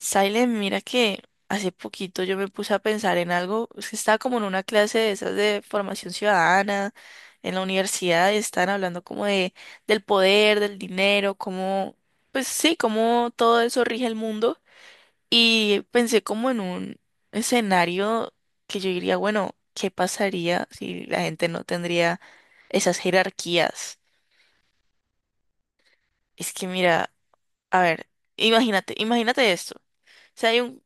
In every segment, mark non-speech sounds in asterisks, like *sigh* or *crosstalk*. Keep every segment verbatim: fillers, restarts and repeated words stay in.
Silent, mira que hace poquito yo me puse a pensar en algo. Es que estaba como en una clase de esas de formación ciudadana en la universidad y estaban hablando como de del poder, del dinero, cómo, pues sí, cómo todo eso rige el mundo. Y pensé como en un escenario que yo diría, bueno, ¿qué pasaría si la gente no tendría esas jerarquías? Es que mira, a ver, imagínate, imagínate esto. O sea, hay un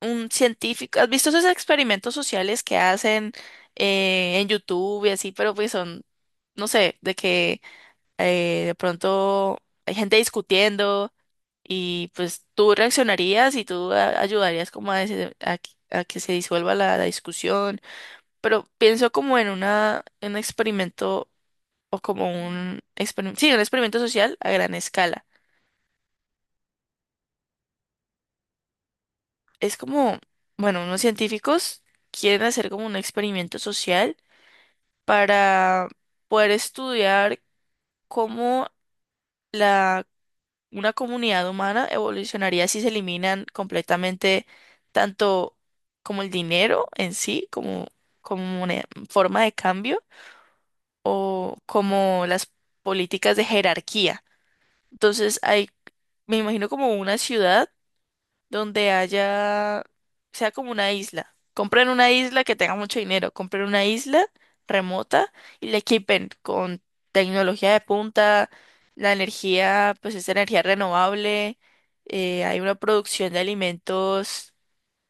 un científico. ¿Has visto esos experimentos sociales que hacen eh, en YouTube y así? Pero pues son, no sé, de que eh, de pronto hay gente discutiendo, y pues tú reaccionarías y tú a- ayudarías como a, ese- a que a que se disuelva la, la discusión. Pero pienso como en una, en un experimento, o como un experimento, sí, un experimento social a gran escala. Es como, bueno, unos científicos quieren hacer como un experimento social para poder estudiar cómo la, una comunidad humana evolucionaría si se eliminan completamente tanto como el dinero en sí, como, como una forma de cambio, o como las políticas de jerarquía. Entonces hay, me imagino como una ciudad donde haya, sea como una isla. Compren una isla que tenga mucho dinero, compren una isla remota y la equipen con tecnología de punta. La energía, pues es energía renovable, eh, hay una producción de alimentos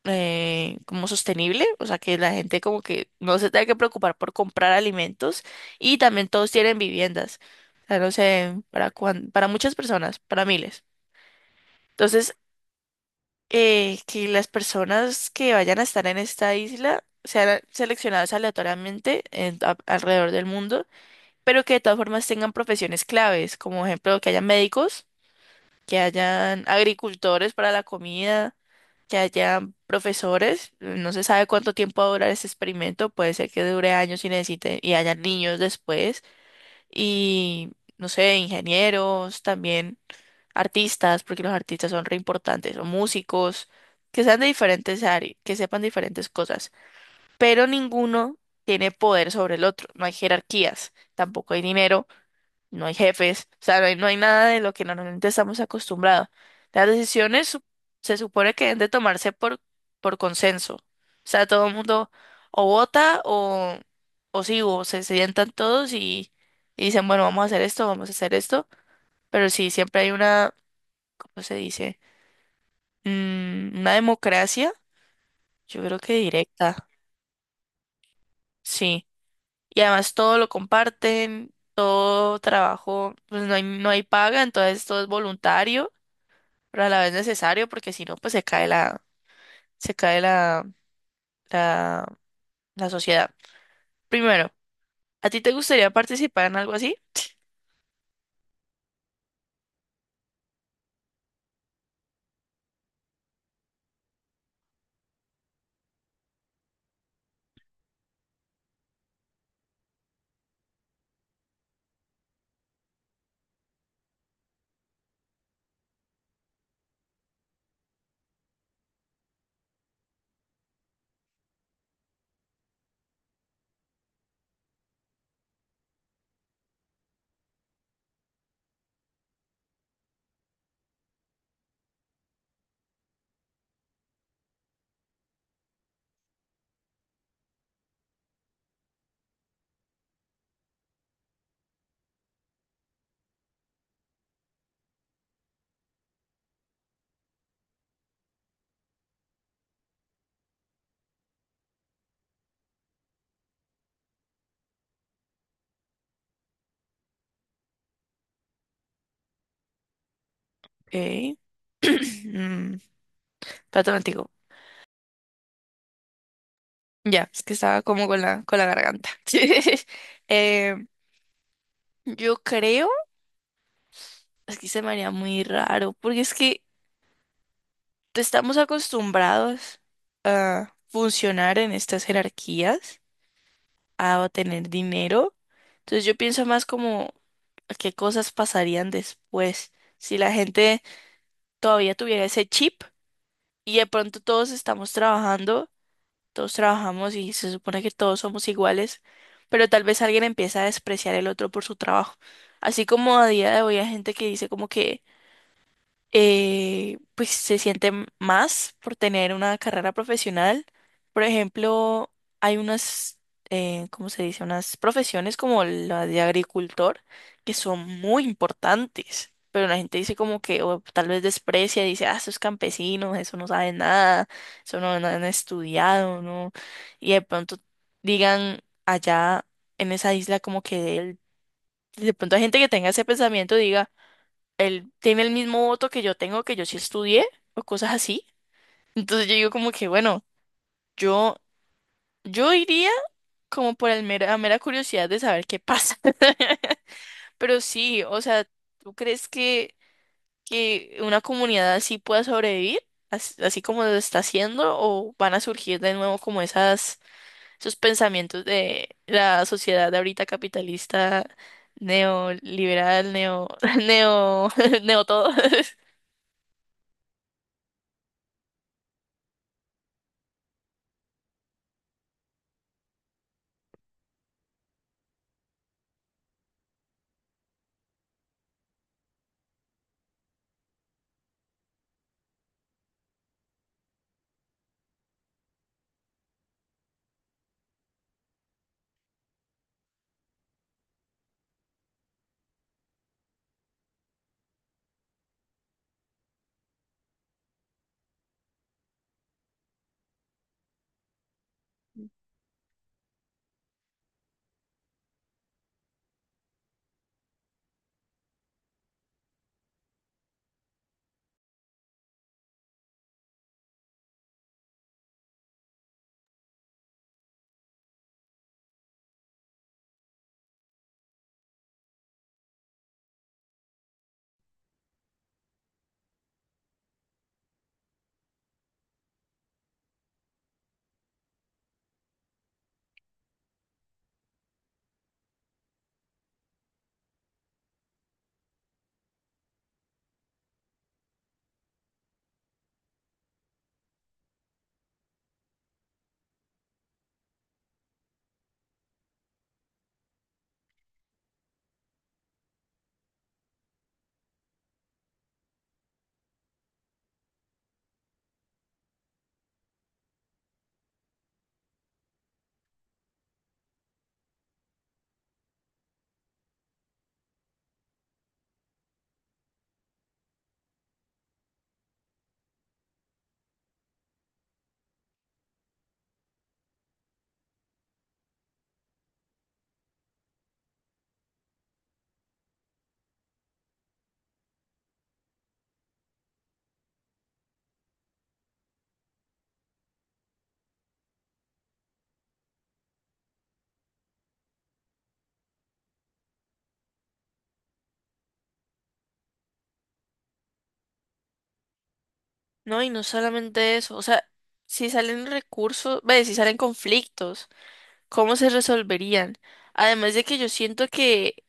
eh, como sostenible, o sea, que la gente como que no se tenga que preocupar por comprar alimentos, y también todos tienen viviendas. O sea, no sé, para, cuan- para muchas personas, para miles. Entonces, eh, que las personas que vayan a estar en esta isla sean seleccionadas aleatoriamente en- a- alrededor del mundo, pero que de todas formas tengan profesiones claves, como ejemplo, que haya médicos, que hayan agricultores para la comida, que haya profesores. No se sabe cuánto tiempo va a durar este experimento, puede ser que dure años y necesite y haya niños después, y no sé, ingenieros también, artistas, porque los artistas son re importantes, o músicos, que sean de diferentes áreas, que sepan diferentes cosas, pero ninguno tiene poder sobre el otro. No hay jerarquías, tampoco hay dinero, no hay jefes, o sea, no hay, no hay nada de lo que normalmente estamos acostumbrados. Las decisiones su- Se supone que deben de tomarse por, por consenso. O sea, todo el mundo o vota o, o sí, o se sientan todos y, y dicen, bueno, vamos a hacer esto, vamos a hacer esto. Pero sí, siempre hay una, ¿cómo se dice? Mm, una democracia, yo creo que directa, sí. Y además todo lo comparten, todo trabajo, pues no hay, no hay paga, entonces todo es voluntario, pero a la vez necesario, porque si no, pues se cae la, se cae la, la, la sociedad. Primero, ¿a ti te gustaría participar en algo así? Ok. *clears throat* Mm, Trato contigo. Ya, es que estaba como con la, con la garganta. *laughs* Eh, yo creo, es que se me haría muy raro, porque es que estamos acostumbrados a funcionar en estas jerarquías, a tener dinero. Entonces yo pienso más como a qué cosas pasarían después si la gente todavía tuviera ese chip, y de pronto todos estamos trabajando, todos trabajamos y se supone que todos somos iguales, pero tal vez alguien empieza a despreciar el otro por su trabajo. Así como a día de hoy hay gente que dice como que eh, pues se sienten más por tener una carrera profesional. Por ejemplo, hay unas, eh, ¿cómo se dice? Unas profesiones como la de agricultor que son muy importantes, pero la gente dice como que, o tal vez desprecia, dice, ah, esos campesinos, eso no saben nada, eso no, no han estudiado, ¿no? Y de pronto digan allá en esa isla como que él- de pronto hay gente que tenga ese pensamiento, diga, él tiene el mismo voto que yo tengo, que yo sí estudié, o cosas así. Entonces yo digo como que, bueno, yo, yo iría como por el mera, la mera curiosidad de saber qué pasa. *laughs* Pero sí, o sea, ¿tú crees que, que una comunidad así pueda sobrevivir? As- Así, como lo está haciendo, o van a surgir de nuevo como esas, esos pensamientos de la sociedad de ahorita capitalista, neoliberal, neo, *laughs* neo, *laughs* neo todo. No, y no solamente eso, o sea, si salen recursos, ve, si salen conflictos, ¿cómo se resolverían? Además de que yo siento que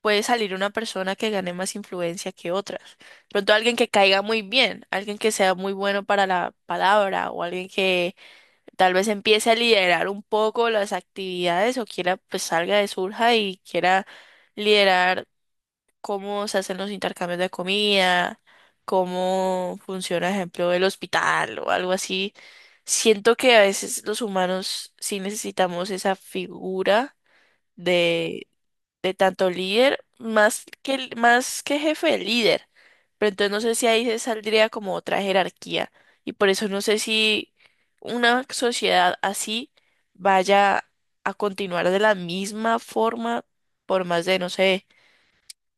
puede salir una persona que gane más influencia que otras. De pronto alguien que caiga muy bien, alguien que sea muy bueno para la palabra, o alguien que tal vez empiece a liderar un poco las actividades, o quiera, pues salga de surja y quiera liderar cómo se hacen los intercambios de comida, cómo funciona, ejemplo, el hospital o algo así. Siento que a veces los humanos sí necesitamos esa figura de, de tanto líder, más que, el- más que jefe, de líder. Pero entonces no sé si ahí se saldría como otra jerarquía. Y por eso no sé si una sociedad así vaya a continuar de la misma forma por más de, no sé,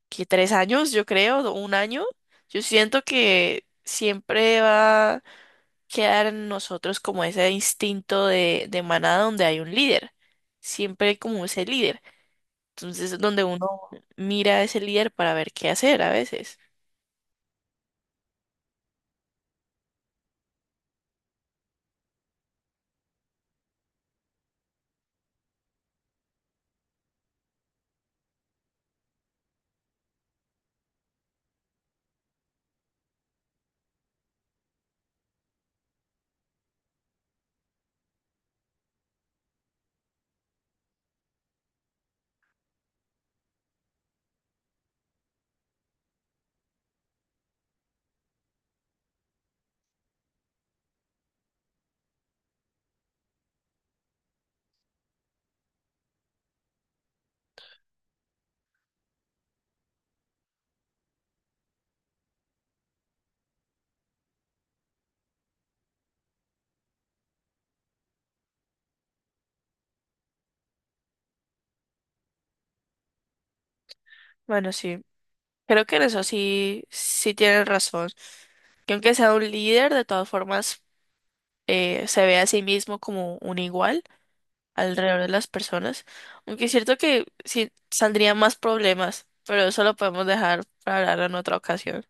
que tres años, yo creo, o un año. Yo siento que siempre va a quedar en nosotros como ese instinto de, de manada, donde hay un líder, siempre hay como ese líder. Entonces, donde uno mira a ese líder para ver qué hacer a veces. Bueno, sí, creo que en eso sí, sí tienen razón. Que aunque sea un líder, de todas formas, eh, se ve a sí mismo como un igual alrededor de las personas. Aunque es cierto que sí saldrían más problemas, pero eso lo podemos dejar para hablar en otra ocasión.